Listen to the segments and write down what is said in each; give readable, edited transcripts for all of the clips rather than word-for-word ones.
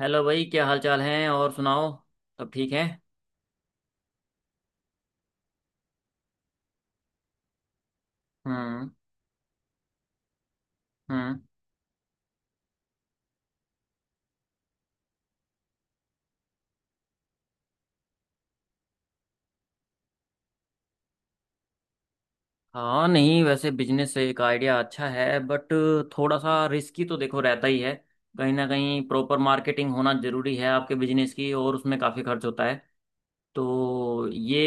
Hello भाई, क्या हाल चाल है? और सुनाओ, सब ठीक है? हम्म। हम्म। हाँ नहीं, वैसे बिजनेस से एक आइडिया अच्छा है बट थोड़ा सा रिस्की तो देखो रहता ही है। कहीं ना कहीं प्रॉपर मार्केटिंग होना जरूरी है आपके बिजनेस की और उसमें काफ़ी खर्च होता है। तो ये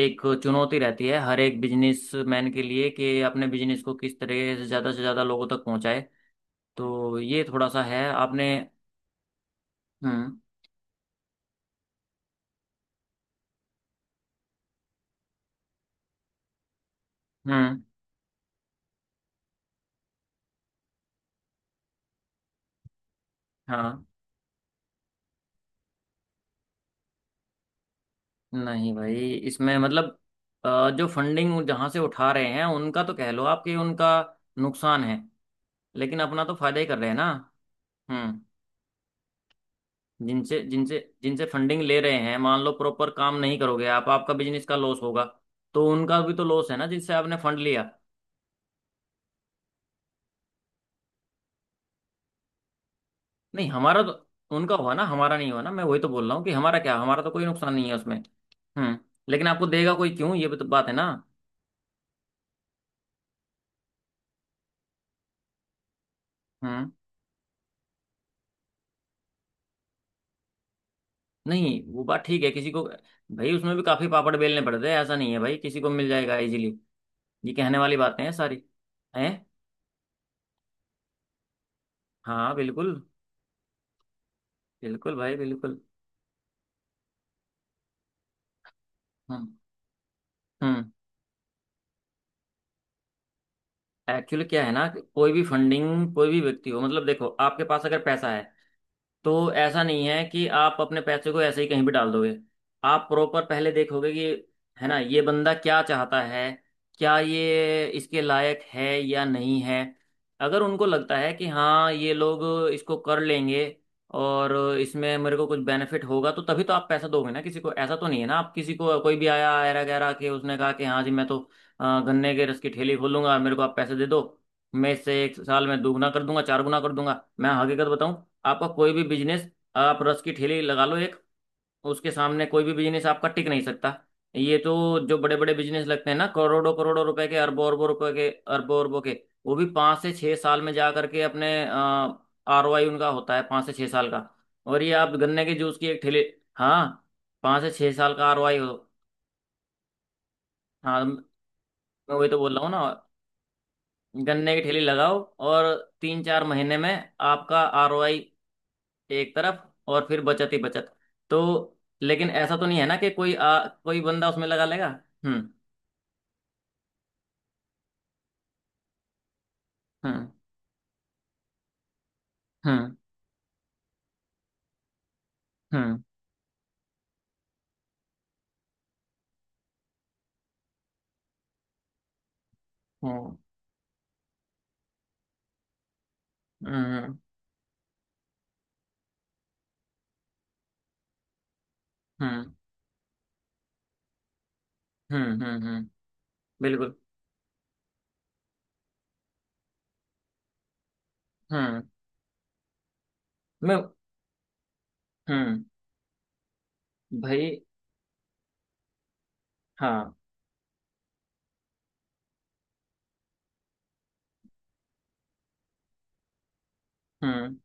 एक चुनौती रहती है हर एक बिजनेस मैन के लिए कि अपने बिजनेस को किस तरह से ज़्यादा लोगों तक पहुंचाए। तो ये थोड़ा सा है आपने। हम्म। हम्म। हाँ नहीं भाई, इसमें मतलब जो फंडिंग जहां से उठा रहे हैं उनका तो कह लो, आपके उनका नुकसान है। लेकिन अपना तो फायदा ही कर रहे हैं ना। हम्म। जिनसे जिनसे जिनसे फंडिंग ले रहे हैं, मान लो प्रॉपर काम नहीं करोगे आप, आपका बिजनेस का लॉस होगा। तो उनका भी तो लॉस है ना जिनसे आपने फंड लिया। नहीं हमारा तो, उनका हुआ ना, हमारा नहीं हुआ ना। मैं वही तो बोल रहा हूँ कि हमारा क्या, हमारा तो कोई नुकसान नहीं है उसमें। हम्म। लेकिन आपको देगा कोई क्यों, ये भी तो बात है ना। हम्म। नहीं वो बात ठीक है, किसी को भाई उसमें भी काफी पापड़ बेलने पड़ते हैं। ऐसा नहीं है भाई किसी को मिल जाएगा इजीली। ये कहने वाली बातें हैं सारी। हैं। हाँ बिल्कुल। बिल्कुल भाई, बिल्कुल। हम्म। हम्म। एक्चुअली क्या है ना, कि कोई भी फंडिंग कोई भी व्यक्ति हो, मतलब देखो आपके पास अगर पैसा है तो ऐसा नहीं है कि आप अपने पैसे को ऐसे ही कहीं भी डाल दोगे। आप प्रॉपर पहले देखोगे कि, है ना, ये बंदा क्या चाहता है, क्या ये इसके लायक है या नहीं है। अगर उनको लगता है कि हाँ ये लोग इसको कर लेंगे, और इसमें मेरे को कुछ बेनिफिट होगा, तो तभी तो आप पैसा दोगे ना। किसी को ऐसा तो नहीं है ना, आप किसी को कोई भी आया ऐरा गैरा के उसने कहा कि हाँ जी मैं तो गन्ने के रस की ठेली खोलूंगा, मेरे को आप पैसे दे दो, मैं इससे एक साल में दोगुना कर दूंगा चार गुना कर दूंगा। मैं हकीकत बताऊं, आपका कोई भी बिजनेस, आप रस की ठेली लगा लो एक, उसके सामने कोई भी बिजनेस आपका टिक नहीं सकता। ये तो जो बड़े बड़े बिजनेस लगते हैं ना, करोड़ों करोड़ों रुपए के, अरबों अरबों रुपए के, अरबों अरबों के, वो भी 5 से 6 साल में जा करके अपने ROI, उनका होता है 5 से 6 साल का। और ये आप गन्ने के जूस की एक ठेली। हाँ। 5 से 6 साल का ROI हो। हाँ मैं वही तो बोल रहा हूँ ना। गन्ने की ठेली लगाओ और 3-4 महीने में आपका ROI एक तरफ, और फिर बचत ही बचत। तो लेकिन ऐसा तो नहीं है ना कि कोई कोई बंदा उसमें लगा लेगा। हम्म। हम्म। हम्म। हम्म। हम्म। हम्म। हम्म। हम्म। हम्म। बिल्कुल। हम्म। मैं। हम्म। भाई। हाँ। हम्म।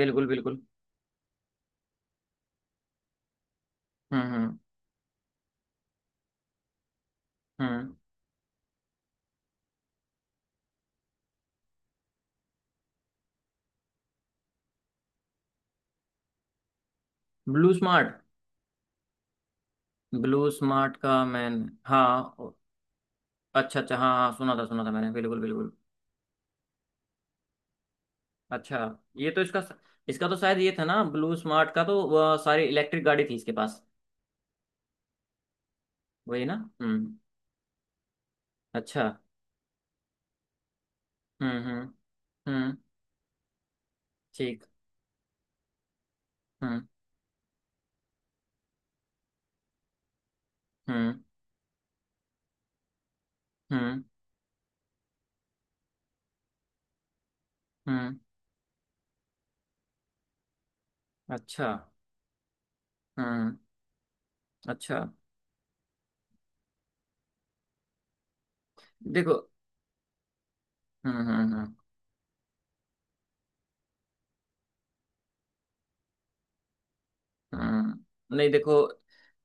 बिल्कुल बिल्कुल। हम्म। हम्म। हम्म। BluSmart? ब्लू स्मार्ट का मैंने, हाँ अच्छा अच्छा, हाँ हाँ सुना था मैंने, बिल्कुल बिल्कुल। अच्छा। ये तो इसका, इसका तो शायद ये था ना, ब्लू स्मार्ट का तो वह सारी इलेक्ट्रिक गाड़ी थी इसके पास। वही ना। हम्म। अच्छा। हम्म। हम्म। हम्म। ठीक। हम्म। हम्म। हम्म। हम्म। अच्छा। हम्म। अच्छा। देखो। हम्म। हम्म। हम्म। नहीं देखो,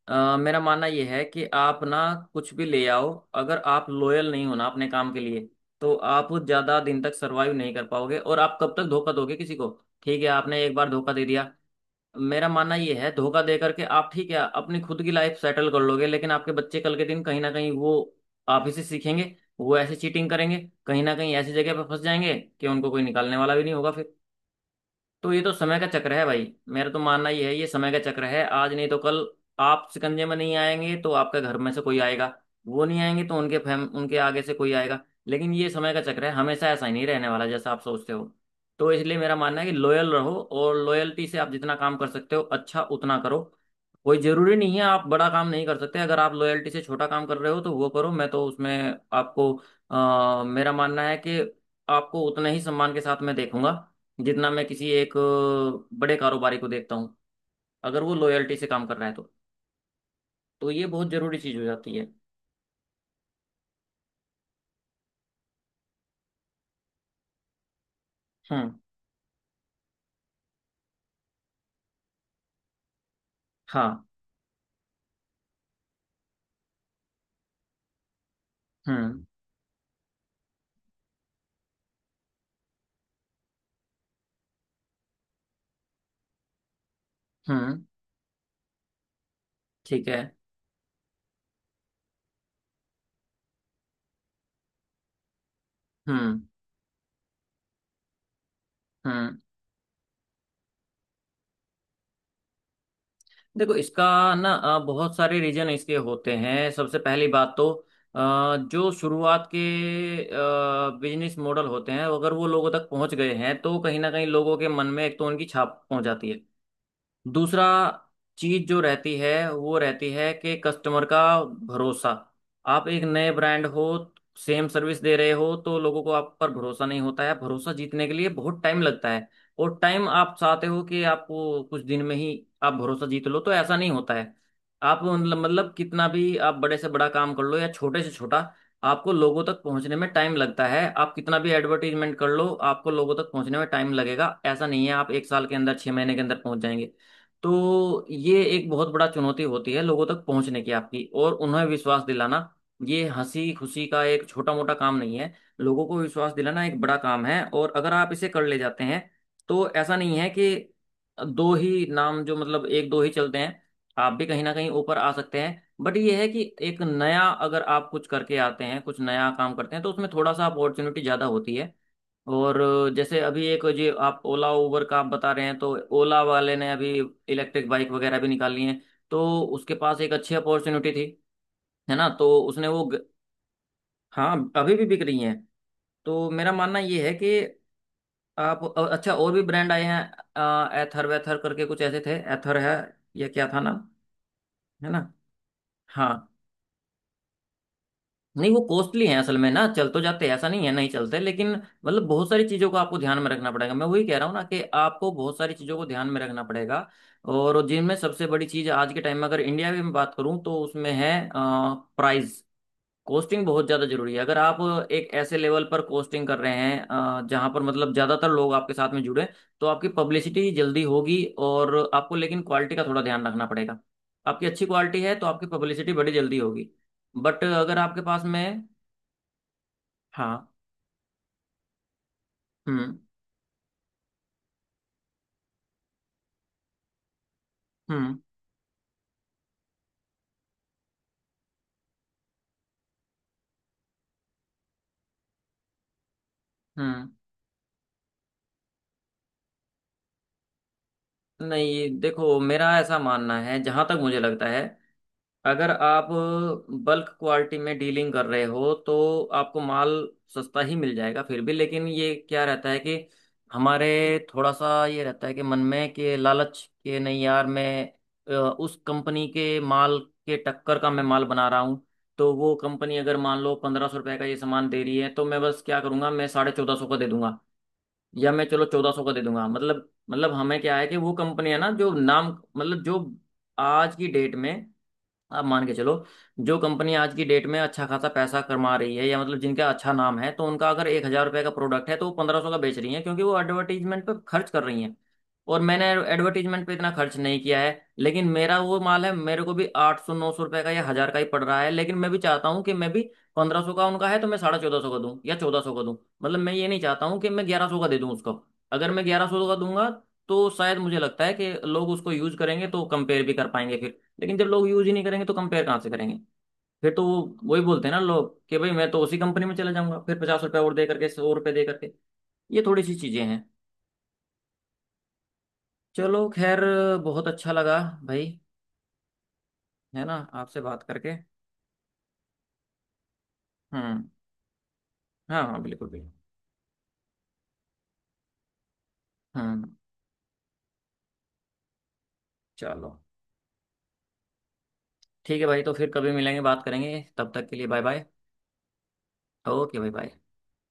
मेरा मानना यह है कि आप ना कुछ भी ले आओ, अगर आप लॉयल नहीं हो ना अपने काम के लिए तो आप ज्यादा दिन तक सरवाइव नहीं कर पाओगे, और आप कब तक धोखा दोगे किसी को। ठीक है आपने एक बार धोखा दे दिया, मेरा मानना ये है, धोखा दे करके आप ठीक है अपनी खुद की लाइफ सेटल कर लोगे, लेकिन आपके बच्चे कल के दिन कहीं ना कहीं वो आप ही से सीखेंगे, वो ऐसे चीटिंग करेंगे, कहीं ना कहीं ऐसी जगह पर फंस जाएंगे कि उनको कोई निकालने वाला भी नहीं होगा फिर। तो ये तो समय का चक्र है भाई। मेरा तो मानना ये है ये समय का चक्र है, आज नहीं तो कल आप शिकंजे में नहीं आएंगे तो आपके घर में से कोई आएगा, वो नहीं आएंगे तो उनके फैम, उनके आगे से कोई आएगा। लेकिन ये समय का चक्र है, हमेशा ऐसा ही नहीं रहने वाला जैसा आप सोचते हो। तो इसलिए मेरा मानना है कि लॉयल रहो, और लॉयल्टी से आप जितना काम कर सकते हो अच्छा उतना करो। कोई जरूरी नहीं है, आप बड़ा काम नहीं कर सकते, अगर आप लॉयल्टी से छोटा काम कर रहे हो तो वो करो। मैं तो उसमें आपको, मेरा मानना है कि आपको उतना ही सम्मान के साथ मैं देखूंगा जितना मैं किसी एक बड़े कारोबारी को देखता हूँ, अगर वो लॉयल्टी से काम कर रहा है तो। तो ये बहुत जरूरी चीज हो जाती है। हम्म। हाँ। हम्म। हम्म। ठीक है। हम्म। हम्म। देखो इसका ना बहुत सारे रीजन इसके होते हैं। सबसे पहली बात तो जो शुरुआत के बिजनेस मॉडल होते हैं, अगर वो लोगों तक पहुंच गए हैं तो कहीं ना कहीं लोगों के मन में एक तो उनकी छाप पहुंच जाती है। दूसरा चीज जो रहती है, वो रहती है कि कस्टमर का भरोसा। आप एक नए ब्रांड हो, सेम सर्विस दे रहे हो, तो लोगों को आप पर भरोसा नहीं होता है। भरोसा जीतने के लिए बहुत टाइम लगता है। और टाइम, आप चाहते हो कि आप वो कुछ दिन में ही आप भरोसा जीत लो, तो ऐसा नहीं होता है। आप मतलब कितना भी आप बड़े से बड़ा काम कर लो या छोटे से छोटा, आपको लोगों तक पहुंचने में टाइम लगता है। आप कितना भी एडवर्टीजमेंट कर लो, आपको लोगों तक पहुंचने में टाइम लगेगा। ऐसा नहीं है आप एक साल के अंदर, 6 महीने के अंदर पहुंच जाएंगे। तो ये एक बहुत बड़ा चुनौती होती है, लोगों तक पहुंचने की आपकी और उन्हें विश्वास दिलाना। ये हंसी खुशी का एक छोटा मोटा काम नहीं है। लोगों को विश्वास दिलाना एक बड़ा काम है, और अगर आप इसे कर ले जाते हैं, तो ऐसा नहीं है कि दो ही नाम, जो मतलब एक दो ही चलते हैं। आप भी कहीं ना कहीं ऊपर आ सकते हैं, बट ये है कि एक नया, अगर आप कुछ करके आते हैं, कुछ नया काम करते हैं, तो उसमें थोड़ा सा अपॉर्चुनिटी ज़्यादा होती है। और जैसे अभी एक जो आप ओला उबर का आप बता रहे हैं, तो ओला वाले ने अभी इलेक्ट्रिक बाइक वगैरह भी निकाली हैं। तो उसके पास एक अच्छी अपॉर्चुनिटी थी। है ना, तो उसने वो हाँ, अभी भी बिक रही हैं। तो मेरा मानना ये है कि आप अच्छा और भी ब्रांड आए हैं, एथर वेथर करके कुछ ऐसे थे, एथर है या क्या था नाम। है ना। हाँ। नहीं वो कॉस्टली है असल में ना, चल तो जाते हैं, ऐसा नहीं है नहीं चलते, लेकिन मतलब बहुत सारी चीज़ों को आपको ध्यान में रखना पड़ेगा। मैं वही कह रहा हूँ ना कि आपको बहुत सारी चीज़ों को ध्यान में रखना पड़ेगा। और जिनमें सबसे बड़ी चीज़ आज के टाइम में अगर इंडिया की मैं बात करूँ तो उसमें है प्राइस। कोस्टिंग बहुत ज़्यादा जरूरी है। अगर आप एक ऐसे लेवल पर कोस्टिंग कर रहे हैं जहाँ पर मतलब ज़्यादातर लोग आपके साथ में जुड़े, तो आपकी पब्लिसिटी जल्दी होगी, और आपको लेकिन क्वालिटी का थोड़ा ध्यान रखना पड़ेगा। आपकी अच्छी क्वालिटी है तो आपकी पब्लिसिटी बड़ी जल्दी होगी। बट अगर आपके पास में, हाँ। हम्म। हम्म। हम्म। नहीं देखो, मेरा ऐसा मानना है, जहाँ तक मुझे लगता है, अगर आप बल्क क्वालिटी में डीलिंग कर रहे हो तो आपको माल सस्ता ही मिल जाएगा फिर भी, लेकिन ये क्या रहता है कि हमारे थोड़ा सा ये रहता है कि मन में कि लालच के, नहीं यार, मैं उस कंपनी के माल के टक्कर का मैं माल बना रहा हूँ। तो वो कंपनी अगर मान लो 1500 रुपए का ये सामान दे रही है, तो मैं बस क्या करूंगा, मैं 1450 का दे दूंगा, या मैं चलो 1400 का दे दूंगा। मतलब हमें क्या है कि वो कंपनी है ना जो नाम, मतलब जो आज की डेट में, आप मान के चलो, जो कंपनी आज की डेट में अच्छा खासा पैसा कमा रही है या मतलब जिनका अच्छा नाम है, तो उनका अगर 1000 रुपये का प्रोडक्ट है तो वो 1500 का बेच रही है, क्योंकि वो एडवर्टीजमेंट पे खर्च कर रही हैं। और मैंने एडवर्टीजमेंट पे इतना खर्च नहीं किया है, लेकिन मेरा वो माल है, मेरे को भी 800, 900 रुपये का या हजार का ही पड़ रहा है, लेकिन मैं भी चाहता हूँ कि मैं भी 1500 का उनका है तो मैं 1450 का दूँ या 1400 का दूँ। मतलब मैं ये नहीं चाहता हूँ कि मैं 1100 का दे दूँ उसको। अगर मैं 1100 का दूंगा, तो शायद मुझे लगता है कि लोग उसको यूज करेंगे तो कंपेयर भी कर पाएंगे फिर। लेकिन जब लोग यूज ही नहीं करेंगे तो कंपेयर कहाँ से करेंगे, फिर तो वो वही बोलते हैं ना लोग कि भाई मैं तो उसी कंपनी में चला जाऊंगा फिर, 50 रुपये और दे करके, 100 रुपये दे करके। ये थोड़ी सी चीजें हैं। चलो खैर, बहुत अच्छा लगा भाई, है ना, आपसे बात करके। हम्म। हाँ हाँ बिल्कुल बिल्कुल। हम्म। चलो ठीक है भाई, तो फिर कभी मिलेंगे, बात करेंगे, तब तक के लिए बाय बाय। ओके भाई, बाय।